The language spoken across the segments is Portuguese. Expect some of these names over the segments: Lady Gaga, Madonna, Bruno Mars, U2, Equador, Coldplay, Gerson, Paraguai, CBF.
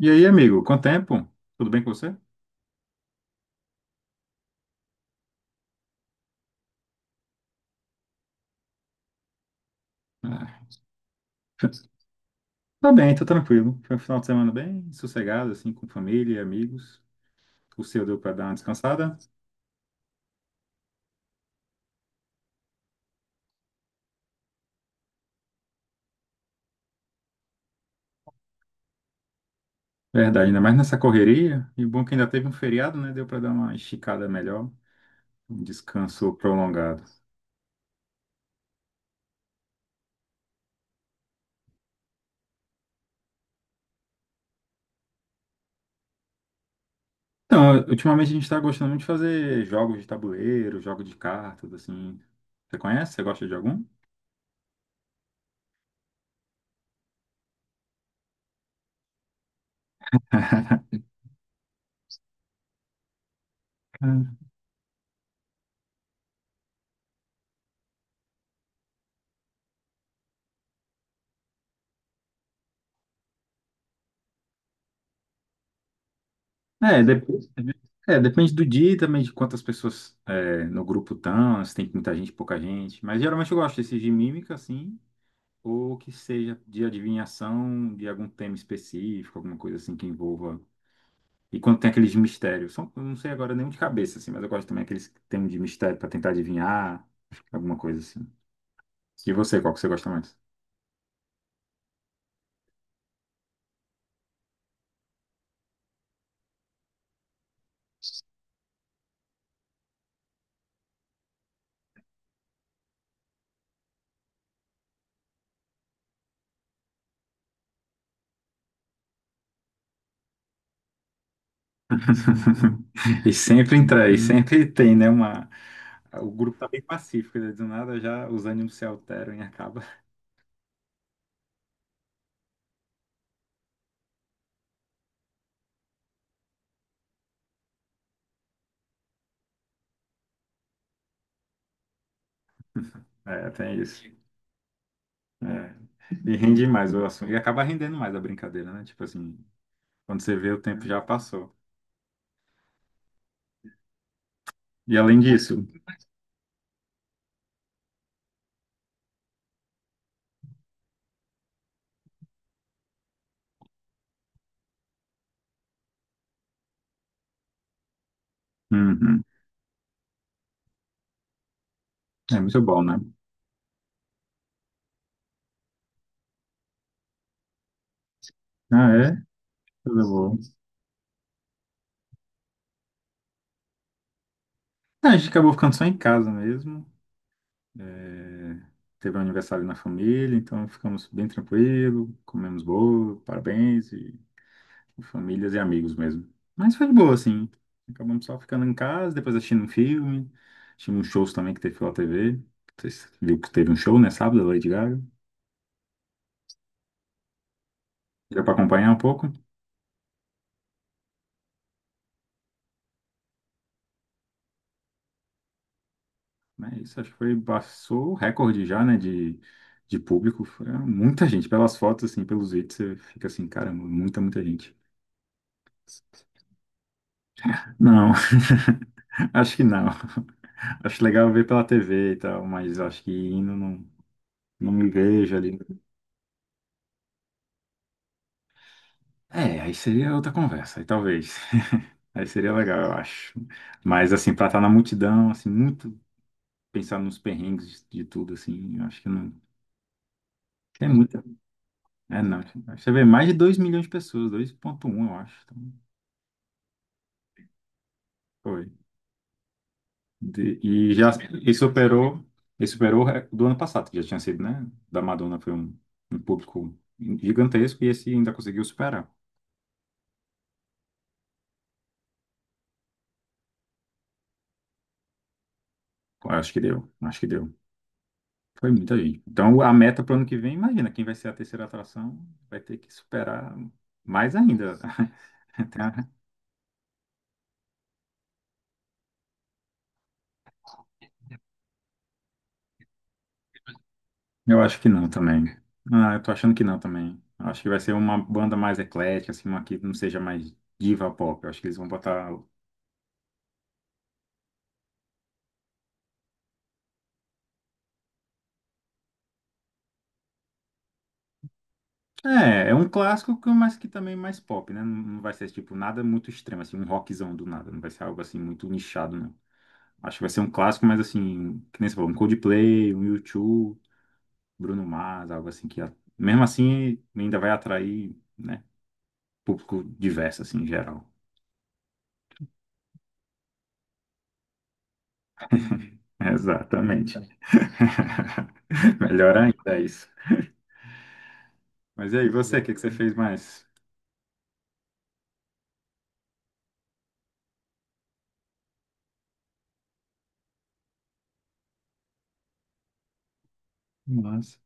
E aí, amigo, quanto tempo? Tudo bem com você? Ah, tá bem, tô tranquilo. Foi um final de semana bem sossegado, assim, com família e amigos. O seu deu pra dar uma descansada? Verdade, ainda mais nessa correria. E bom é que ainda teve um feriado, né? Deu pra dar uma esticada melhor, um descanso prolongado. Então, ultimamente a gente tá gostando muito de fazer jogos de tabuleiro, jogos de cartas, assim. Você conhece? Você gosta de algum? É, depois, é, depende do dia e também de quantas pessoas é, no grupo estão, se tem muita gente, pouca gente. Mas geralmente eu gosto desses de mímica, assim, ou que seja de adivinhação de algum tema específico, alguma coisa assim que envolva. E quando tem aqueles de mistério, são, eu não sei agora nenhum de cabeça, assim, mas eu gosto também aqueles que tem de mistério para tentar adivinhar, alguma coisa assim. E você, qual que você gosta mais? E sempre entra, e sempre tem, né? Uma... O grupo tá bem pacífico, né? Do nada já os ânimos se alteram e acaba. É, tem isso. É. E rende mais o assunto. E acaba rendendo mais a brincadeira, né? Tipo assim, quando você vê, o tempo já passou. E além disso, uhum, é muito bom, né? Ah, é? Tudo bom. Ah, a gente acabou ficando só em casa mesmo. É, Teve um aniversário na família, então ficamos bem tranquilo, comemos bolo, parabéns, e. Famílias e amigos mesmo. Mas foi de boa, assim. Acabamos só ficando em casa, depois assistindo um filme. Tínhamos shows também que teve pela TV. Vocês viram que teve um show, né? Sábado, da Lady Gaga. Deu pra acompanhar um pouco. Mas isso, acho que foi, passou o recorde já, né? De público. Foi muita gente. Pelas fotos, assim, pelos vídeos, você fica assim, caramba, muita, muita gente. Não, acho que não. Acho legal ver pela TV e tal, mas acho que indo não, não me vejo ali. É, aí seria outra conversa, aí talvez. Aí seria legal, eu acho. Mas, assim, pra estar na multidão, assim, muito pensar nos perrengues de tudo, assim, eu acho que não. É muita. É, não. Acho Você vê mais de 2 milhões de pessoas, 2,1, eu acho. Então, foi. E já e superou, e superou o do ano passado, que já tinha sido, né? Da Madonna foi um, um público gigantesco e esse ainda conseguiu superar. Eu acho que deu, acho que deu. Foi muita gente. Então, a meta para o ano que vem, imagina, quem vai ser a terceira atração vai ter que superar mais ainda. Tá? Eu acho que não também. Ah, eu tô achando que não também. Eu Acho que vai ser uma banda mais eclética, assim, uma que não seja mais diva pop. Eu acho que eles vão botar. É, é um clássico, que- mas que também é mais pop, né? Não vai ser, tipo, nada muito extremo, assim, um rockzão do nada. Não vai ser algo, assim, muito nichado, não. Acho que vai ser um clássico, mas, assim, que nem você falou, um Coldplay, um U2. Bruno Mars, algo assim que, mesmo assim, ainda vai atrair, né, público diverso, assim, em geral. Exatamente. Melhor ainda isso. Mas e aí, você, o que que você fez mais? Nossa.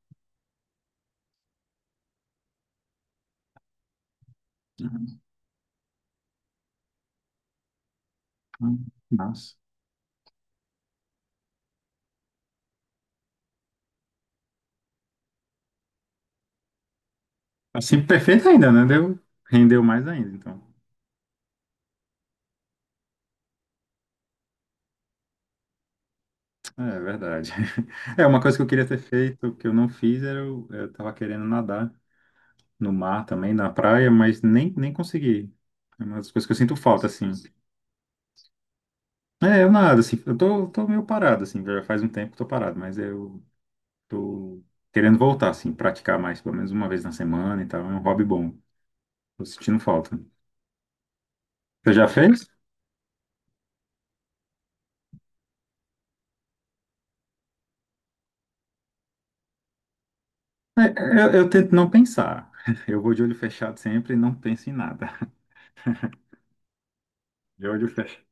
Nossa. Assim, perfeito ainda, né? Deu, rendeu mais ainda, então. É verdade. É, uma coisa que eu queria ter feito, que eu não fiz, era eu, tava querendo nadar no mar também, na praia, mas nem, nem consegui. É uma das coisas que eu sinto falta, assim. É, eu nada, assim, eu tô, meio parado, assim, já faz um tempo que tô parado, mas eu tô querendo voltar, assim, praticar mais, pelo menos uma vez na semana e tal, é um hobby bom, tô sentindo falta. Você já fez? Eu tento não pensar, eu vou de olho fechado sempre e não penso em nada. De olho fechado.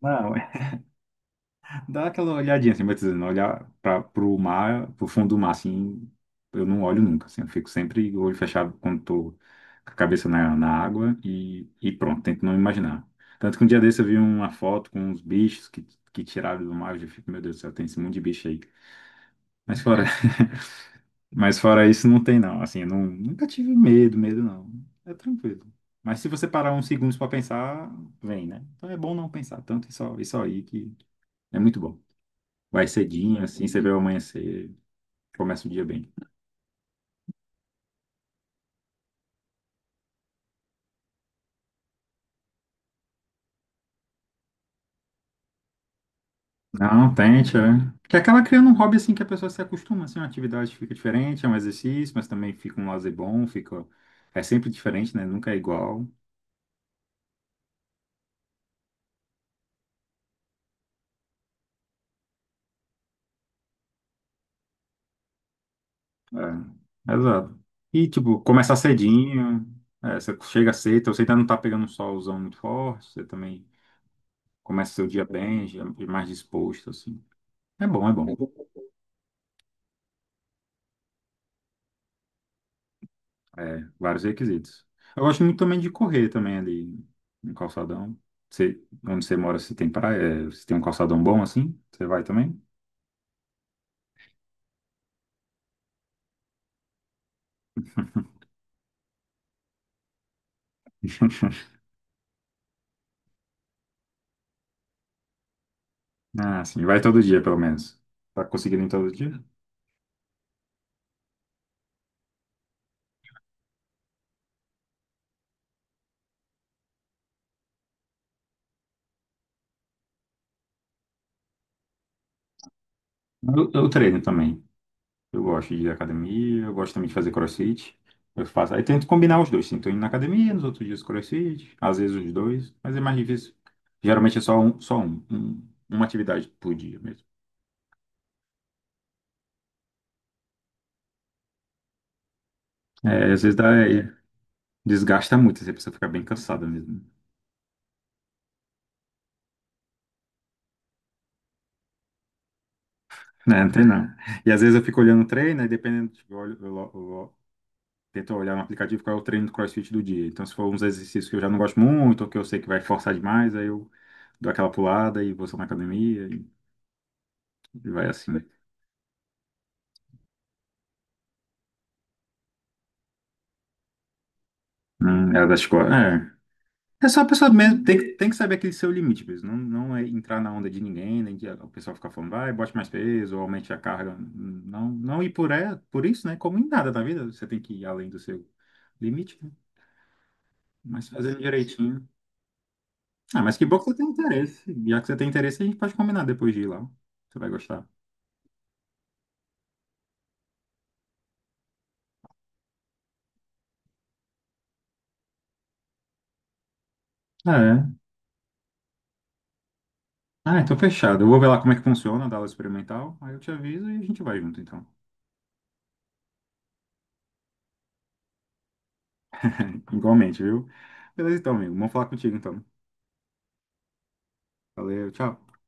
Não, Dá aquela olhadinha, assim, batizando, olhar para pro mar, pro fundo do mar, assim, eu não olho nunca, assim, eu fico sempre com o olho fechado quando tô com a cabeça na, na água e pronto, tento não imaginar. Tanto que um dia desse eu vi uma foto com uns bichos que tiraram do mar, eu já fico, meu Deus do céu, tem esse monte de bicho aí. Mas fora, mas fora isso, não tem não, assim, eu não, nunca tive medo, medo não, é tranquilo. Mas se você parar uns segundos para pensar, vem, né? Então é bom não pensar tanto e só aí que é muito bom. Vai cedinho, assim, você vê o amanhecer, começa o dia bem. Não, tente, é. Que acaba criando um hobby, assim, que a pessoa se acostuma, assim, uma atividade que fica diferente, é um exercício, mas também fica um lazer bom, fica... É sempre diferente, né? Nunca é igual. É, exato. E, tipo, começar cedinho, é, você chega cedo, então você ainda não tá pegando um solzão muito forte, você também começa seu dia bem, já mais disposto, assim. É bom, é bom. É, vários requisitos. Eu gosto muito também de correr também ali no calçadão. Você, onde você mora, se tem praia, é, se tem um calçadão bom assim, você vai também? Ah, sim, vai todo dia pelo menos. Tá conseguindo ir todo dia? Eu treino também. Eu gosto de ir à academia, eu gosto também de fazer crossfit. Eu faço, aí tento combinar os dois, sim. Tô indo na academia, nos outros dias crossfit, às vezes os dois, mas é mais difícil. Geralmente é uma atividade por dia mesmo. É, às vezes dá. É, Desgasta muito, assim, a pessoa fica bem cansada mesmo. Né, não tem não. E às vezes eu fico olhando o treino, aí dependendo, tipo, eu, olho, eu lo- tento olhar no aplicativo qual é o treino do CrossFit do dia. Então, se for uns exercícios que eu já não gosto muito, ou que eu sei que vai forçar demais, aí eu dou aquela pulada e vou só na academia e vai assim. É das costas. É. É só a pessoa mesmo, tem, tem que saber aquele seu limite mesmo. Não, não é entrar na onda de ninguém, nem de o pessoal ficar falando, vai, bote mais peso, ou aumente a carga. Não, não ir por, é, por isso, né? Como em nada na vida, você tem que ir além do seu limite, né? Mas fazendo direitinho. Ah, mas que bom que você tem interesse. Já que você tem interesse, a gente pode combinar depois de ir lá. Você vai gostar. Ah, É. Ah, então fechado. Eu vou ver lá como é que funciona a aula experimental. Aí eu te aviso e a gente vai junto, então. Igualmente, viu? Beleza, então, amigo. Vamos falar contigo, então. Valeu, tchau.